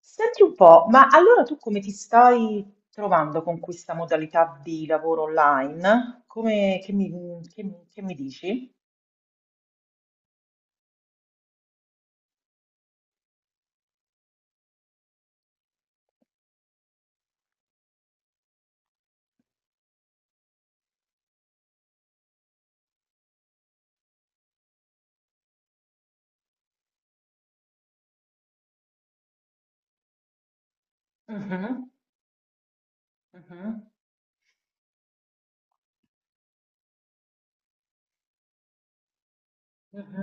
Senti un po', ma allora tu come ti stai trovando con questa modalità di lavoro online? Come, che mi dici? Mhm, mhm, mhm.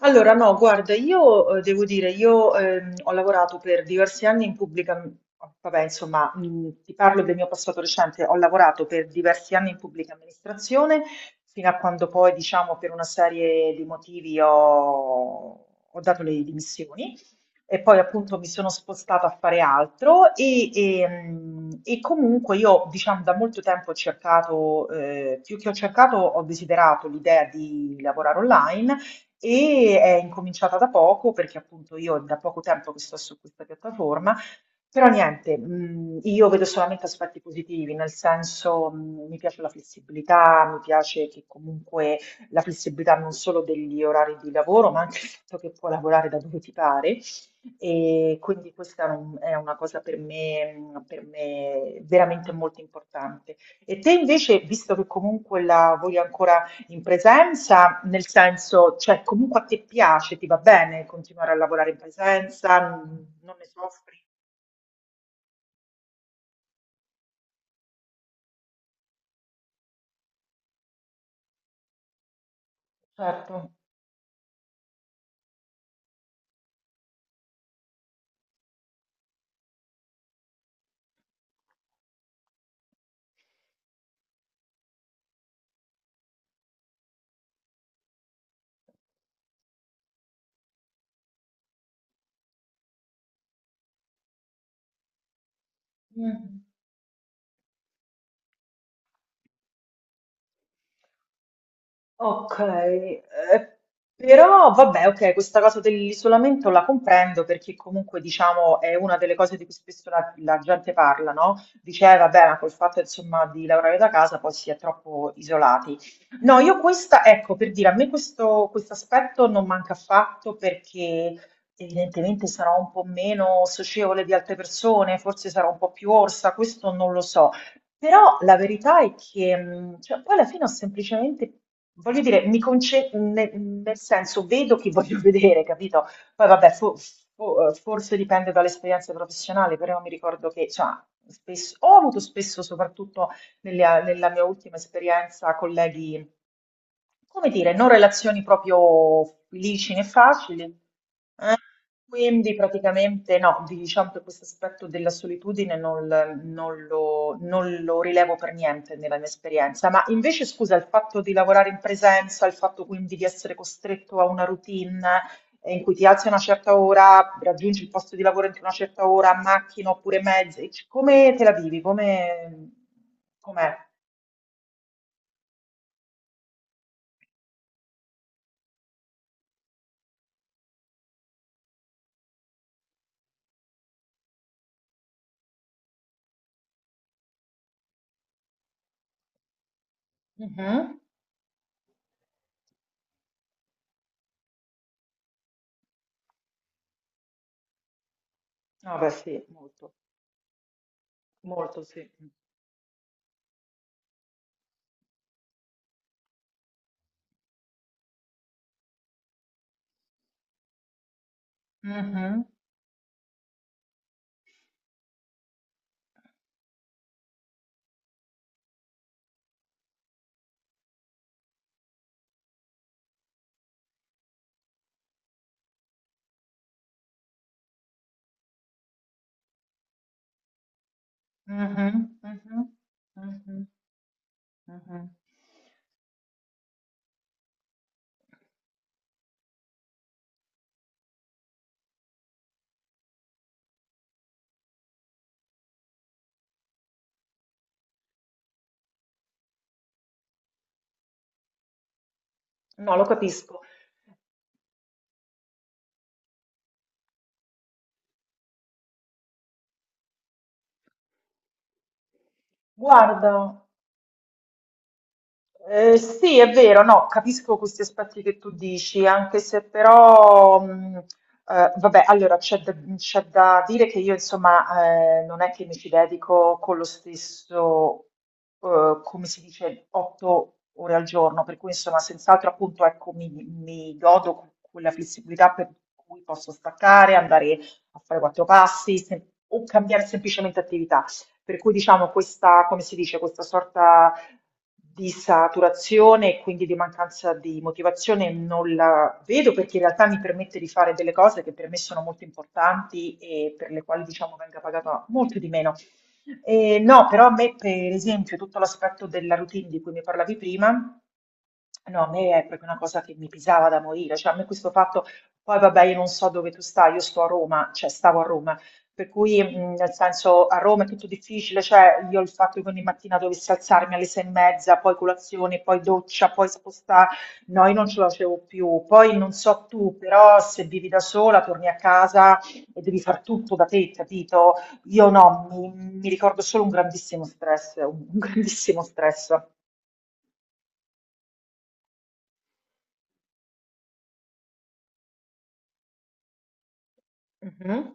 Allora, no, guarda, io devo dire, io ho lavorato per diversi anni in pubblica, vabbè, insomma, ti parlo del mio passato recente, ho lavorato per diversi anni in pubblica amministrazione, fino a quando poi, diciamo, per una serie di motivi ho, ho dato le dimissioni. E poi appunto mi sono spostata a fare altro e, e comunque io diciamo da molto tempo ho cercato, più che ho cercato, ho desiderato l'idea di lavorare online e è incominciata da poco perché appunto io è da poco tempo che sto su questa piattaforma. Però niente, io vedo solamente aspetti positivi, nel senso mi piace la flessibilità, mi piace che comunque la flessibilità non solo degli orari di lavoro, ma anche il fatto che puoi lavorare da dove ti pare. E quindi questa è una cosa per me veramente molto importante. E te invece, visto che comunque la vuoi ancora in presenza, nel senso, cioè comunque a te piace, ti va bene continuare a lavorare in presenza, non ne soffri? Certo. Mm. Ok, però vabbè, ok, questa cosa dell'isolamento la comprendo perché comunque diciamo è una delle cose di cui spesso la gente parla, no? Diceva, vabbè, ma col fatto insomma di lavorare da casa poi si è troppo isolati. No, io questa, ecco, per dire, a me questo aspetto non manca affatto perché evidentemente sarò un po' meno socievole di altre persone, forse sarò un po' più orsa, questo non lo so. Però la verità è che, cioè poi alla fine ho semplicemente voglio dire, mi conce ne nel senso, vedo chi voglio vedere, capito? Poi vabbè, fo fo forse dipende dall'esperienza professionale, però mi ricordo che, insomma, spess ho avuto spesso, soprattutto nelle a nella mia ultima esperienza, colleghi, come dire, non relazioni proprio licine e facili. Quindi praticamente no, diciamo che questo aspetto della solitudine non lo, non lo rilevo per niente nella mia esperienza, ma invece scusa, il fatto di lavorare in presenza, il fatto quindi di essere costretto a una routine in cui ti alzi a una certa ora, raggiungi il posto di lavoro entro una certa ora, a macchina oppure mezzi, come te la vivi? Come, com'è? Mhm. No, beh sì, molto, molto sì. Mhm, mhm, mhm, mhm. Mh-mh. No, lo capisco. Guarda, eh, sì, è vero, no, capisco questi aspetti che tu dici, anche se però, vabbè, allora c'è da dire che io, insomma, non è che mi ci dedico con lo stesso, come si dice, 8 ore al giorno, per cui, insomma, senz'altro, appunto, ecco, mi godo quella flessibilità per cui posso staccare, andare a fare quattro passi, o cambiare semplicemente attività. Per cui diciamo questa, come si dice, questa sorta di saturazione e quindi di mancanza di motivazione non la vedo perché in realtà mi permette di fare delle cose che per me sono molto importanti e per le quali diciamo venga pagata molto di meno. No, però a me per esempio tutto l'aspetto della routine di cui mi parlavi prima, no, a me è proprio una cosa che mi pesava da morire, cioè a me questo fatto, poi vabbè io non so dove tu stai, io sto a Roma, cioè stavo a Roma, per cui, nel senso, a Roma è tutto difficile, cioè io il fatto che ogni mattina dovessi alzarmi alle 6:30, poi colazione, poi doccia, poi spostare, no, io non ce la facevo più. Poi non so tu, però se vivi da sola, torni a casa e devi far tutto da te, capito? Io no, mi ricordo solo un grandissimo stress, un grandissimo stress. Mhm,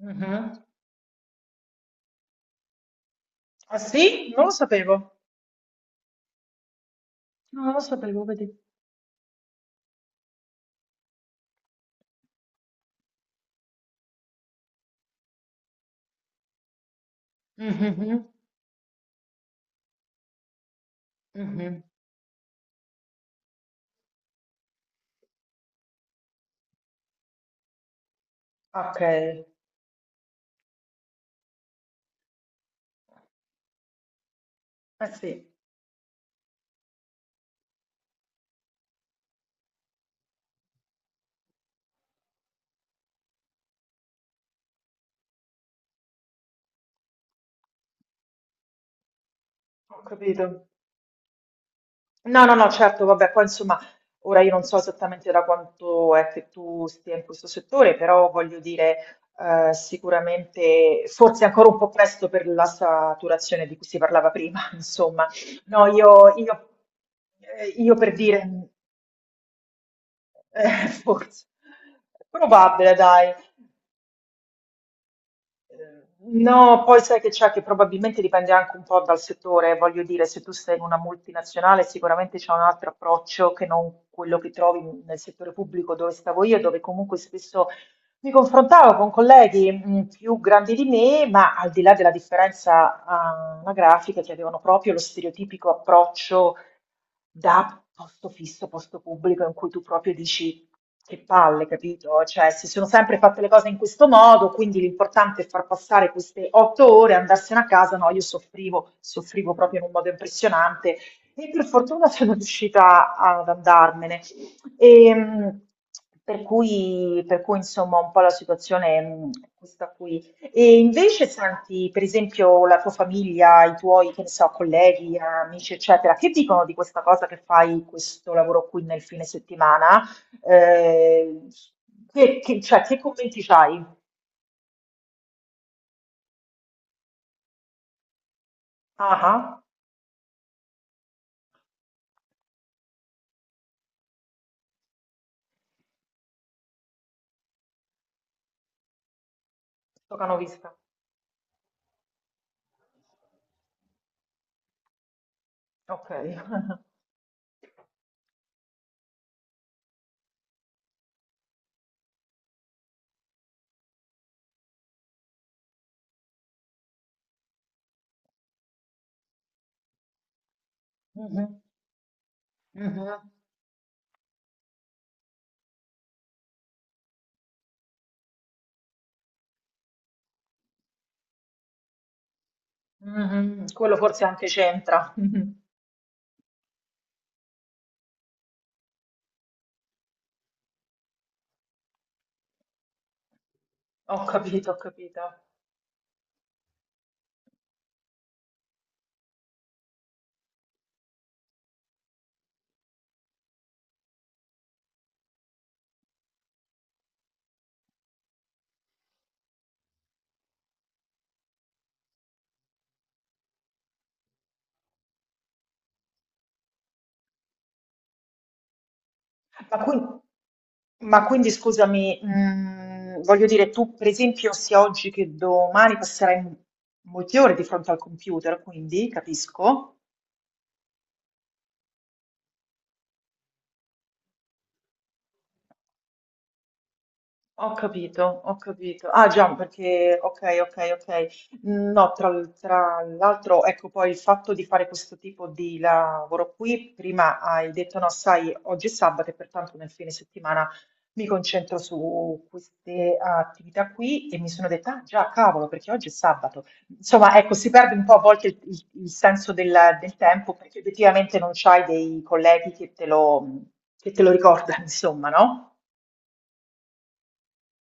mhm. Ah sì? Non lo sapevo. No, non lo sapevo, vedi. Mhm, mhm. Ok, eh sì, ho capito. No, no, no, certo, vabbè, poi insomma, ora io non so esattamente da quanto è che tu stia in questo settore, però voglio dire, sicuramente, forse è ancora un po' presto per la saturazione di cui si parlava prima, insomma. No, io per dire, forse, probabile, dai. No, poi sai che c'è che probabilmente dipende anche un po' dal settore, voglio dire, se tu sei in una multinazionale sicuramente c'è un altro approccio che non quello che trovi nel settore pubblico dove stavo io, dove comunque spesso mi confrontavo con colleghi più grandi di me, ma al di là della differenza anagrafica che avevano proprio lo stereotipico approccio da posto fisso, posto pubblico, in cui tu proprio dici che palle, capito? Cioè, si sono sempre fatte le cose in questo modo, quindi l'importante è far passare queste 8 ore, andarsene a casa. No, io soffrivo, soffrivo proprio in un modo impressionante e per fortuna sono riuscita ad andarmene. E, per cui, insomma, un po' la situazione è questa qui e invece senti, per esempio, la tua famiglia, i tuoi, che ne so, colleghi, amici, eccetera, che dicono di questa cosa che fai questo lavoro qui nel fine settimana? Eh, cioè, che commenti c'hai? Ah, ah, sto canovista. Ok. Mhm, mhm, mhm. Quello forse anche c'entra. Mhm. Ho capito, ho capito. Ma, quin- ma quindi scusami, mm, voglio dire, tu per esempio sia oggi che domani passerai molte ore di fronte al computer, quindi capisco. Ho capito, ho capito. Ah già, perché ok, ok, ok. No, tra l'altro, ecco poi il fatto di fare questo tipo di lavoro qui, prima hai detto no, sai, oggi è sabato e pertanto nel fine settimana mi concentro su queste attività qui e mi sono detta, ah già, cavolo, perché oggi è sabato. Insomma, ecco, si perde un po' a volte il senso del, del tempo perché effettivamente non c'hai dei colleghi che te lo ricordano, insomma, no?